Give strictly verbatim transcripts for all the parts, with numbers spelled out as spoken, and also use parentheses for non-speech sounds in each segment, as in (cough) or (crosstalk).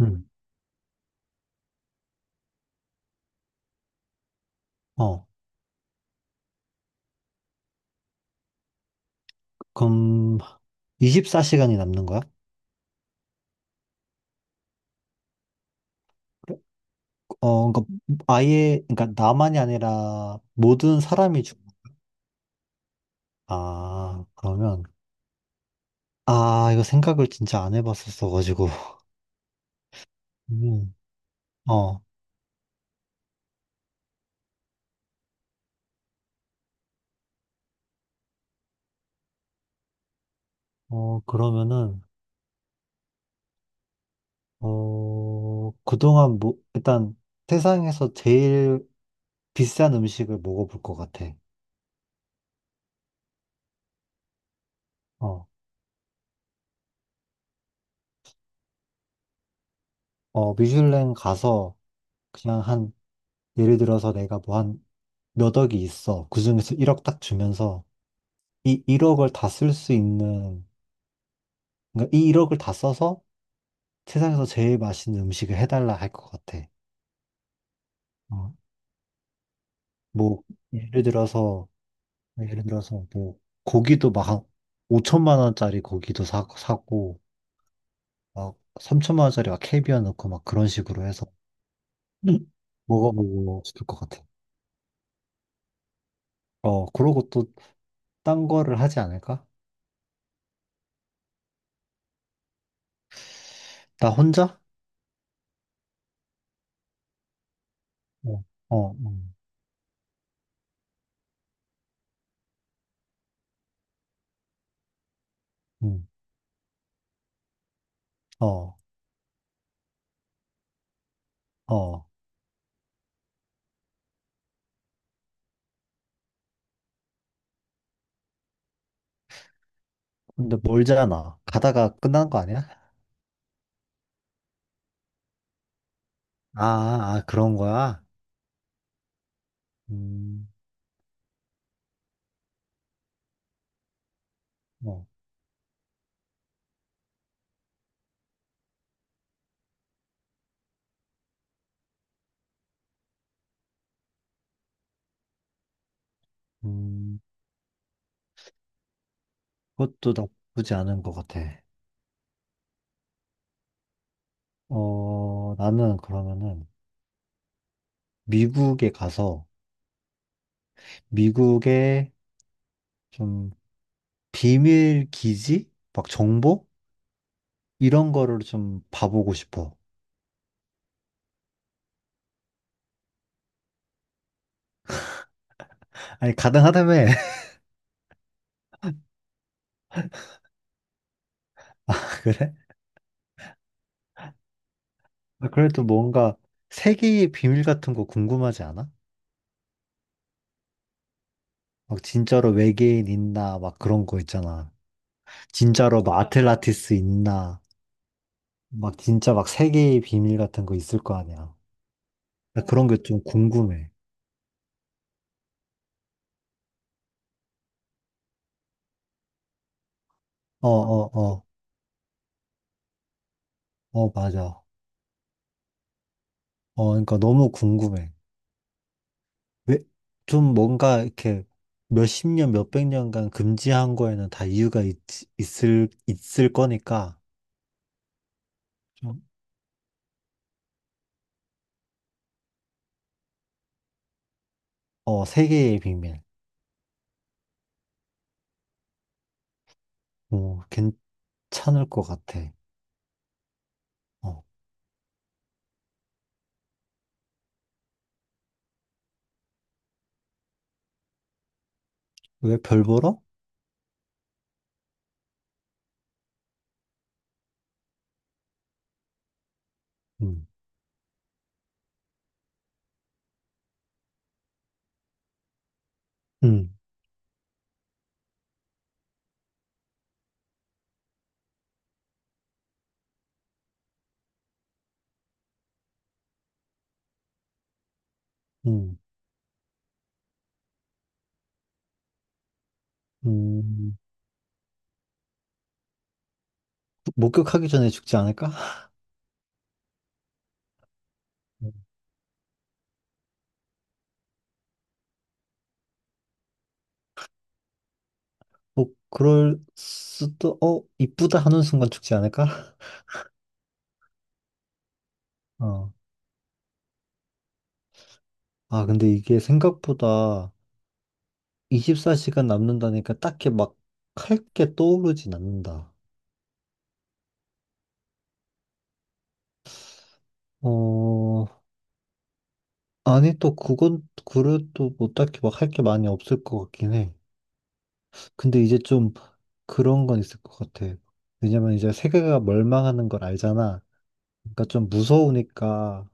음. 어, 그럼 이십사 시간이 남는 거야? 어, 그러니까 아예, 그러니까 나만이 아니라 모든 사람이 죽. 아, 그러면 아, 이거 생각을 진짜 안 해봤었어가지고. 음. 어, 어, 그러면은 어, 그동안 뭐 일단 세상에서 제일 비싼 음식을 먹어볼 것 같아. 어, 어, 미슐랭 가서 그냥 한 예를 들어서 내가 뭐 한 몇 억이 있어. 그중에서 일억 딱 주면서 이 일억을 다 쓸 수 있는, 그러니까 이 일억을 다 써서 세상에서 제일 맛있는 음식을 해달라 할 것 같아. 어, 뭐, 예를 들어서, 예를 들어서, 뭐, 고기도 막, 한 오천만 원짜리 고기도 사, 사고, 막, 삼천만 원짜리 막 캐비어 넣고 막 그런 식으로 해서 음. 먹어보고 싶을 것 같아. 어, 그러고 또 딴 거를 하지 않을까? 나 혼자? 어, 어, 음, 음, 어, 어. 근데 멀잖아. 가다가 끝난 거 아니야? 아, 아, 그런 거야? 음, 어, 음, 그것도 나쁘지 않은 것 같아. 어, 나는 그러면은 미국에 가서 미국의 좀 비밀 기지? 막 정보? 이런 거를 좀 봐보고 싶어. 아니, 가능하다며. (laughs) 그래? 아, 그래도 뭔가 세계의 비밀 같은 거 궁금하지 않아? 막 진짜로 외계인 있나? 막 그런 거 있잖아. 진짜로 뭐 아틀란티스 있나? 막 진짜 막 세계의 비밀 같은 거 있을 거 아니야. 나 그런 게 좀 궁금해. 어, 어, 어, 어, 맞아. 어, 그러니까 너무 궁금해. 왜, 좀 뭔가 이렇게 몇 십 년, 몇 백 년간 금지한 거에는 다 이유가 있, 있을, 있을 거니까, 좀, 어, 세계의 비밀. 어, 괜찮을 것 같아. 어, 왜 별 보러? 음, 음, 음, 음. 목격하기 전에 죽지 않을까? (laughs) 뭐 그럴 수도 어 이쁘다 하는 순간 죽지 않을까? (laughs) 어. 아 근데 이게 생각보다 이십사 시간 남는다니까 딱히 막 할 게 떠오르진 않는다. 어, 아니 또 그건 그래도 뭐 딱히 막 할 게 많이 없을 것 같긴 해. 근데 이제 좀 그런 건 있을 것 같아. 왜냐면 이제 세계가 멸망하는 걸 알잖아. 그러니까 좀 무서우니까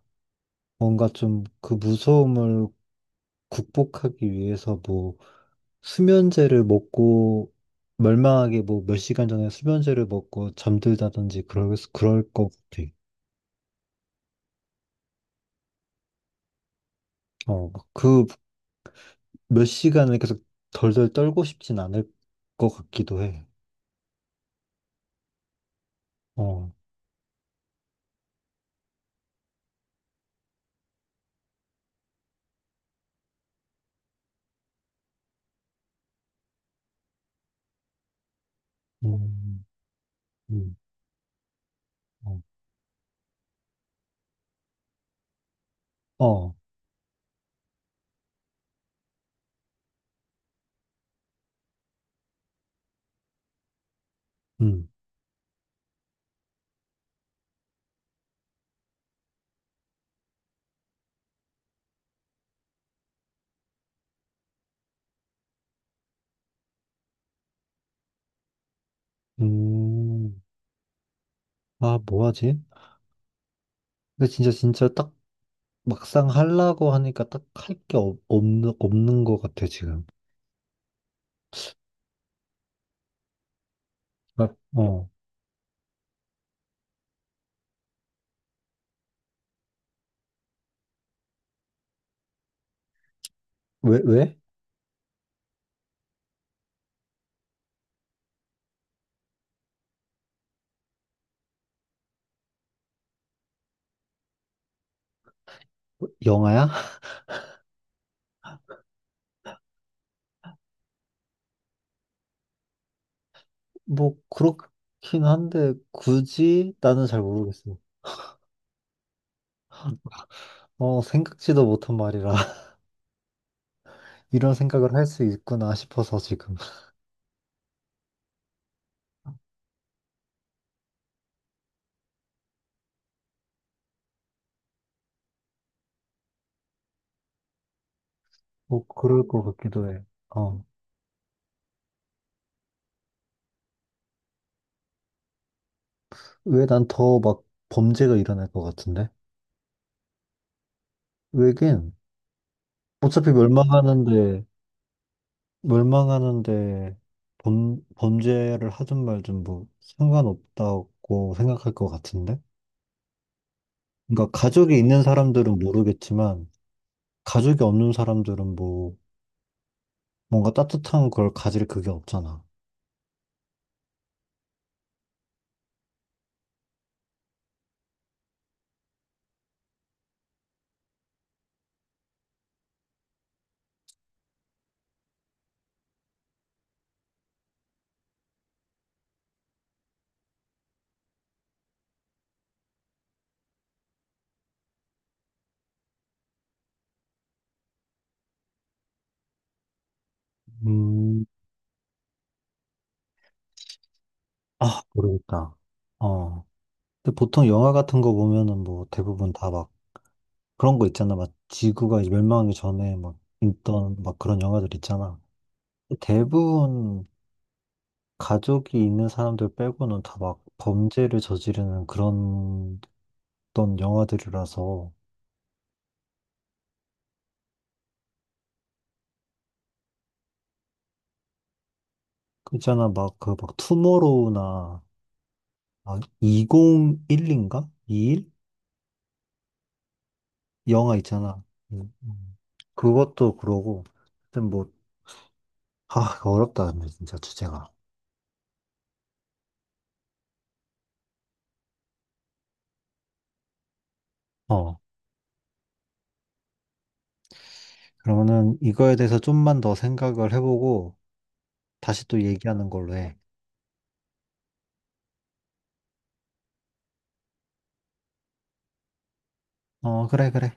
뭔가 좀 그 무서움을 극복하기 위해서 뭐 수면제를 먹고 멀망하게 뭐 몇 시간 전에 수면제를 먹고 잠들다든지 그럴, 수- 그럴 것 같아. 어, 그 몇 시간을 계속 덜덜 떨고 싶진 않을 것 같기도 해. 어, 음, 음, 어, 어, 음, 음. 아, 뭐 하지? 근데 진짜 진짜 딱 막상 하려고 하니까 딱 할 게 없는 없는 것 같아 지금. 아, 어, 왜 왜? 영화야? 뭐 그렇긴 한데 굳이 나는 잘 모르겠어. 어, 생각지도 못한 말이라 (laughs) 이런 생각을 할 수 있구나 싶어서 지금. (laughs) 뭐 그럴 것 같기도 해. 어, 왜 난 더 막 범죄가 일어날 것 같은데? 왜긴. 어차피 멸망하는데 멸망하는데 범 범죄를 하든 말든 뭐 상관없다고 생각할 것 같은데? 그러니까 가족이 있는 사람들은 모르겠지만 가족이 없는 사람들은 뭐 뭔가 따뜻한 걸 가질 그게 없잖아. 음, 아, 모르겠다. 어. 근데 보통 영화 같은 거 보면은 뭐 대부분 다 막 그런 거 있잖아. 막 지구가 멸망하기 전에 막 있던 막 그런 영화들 있잖아. 대부분 가족이 있는 사람들 빼고는 다 막 범죄를 저지르는 그런 어떤 영화들이라서. 그 있잖아. 막 그 막 투모로우나 막 이공일일인가? 영화 있잖아. 음, 음. 그것도 그러고, 하여튼 뭐, 아, 어렵다, 근데 진짜 주제가. 어, 그러면은 이거에 대해서 좀만 더 생각을 해보고, 다시 또 얘기하는 걸로 해. 어, 그래, 그래.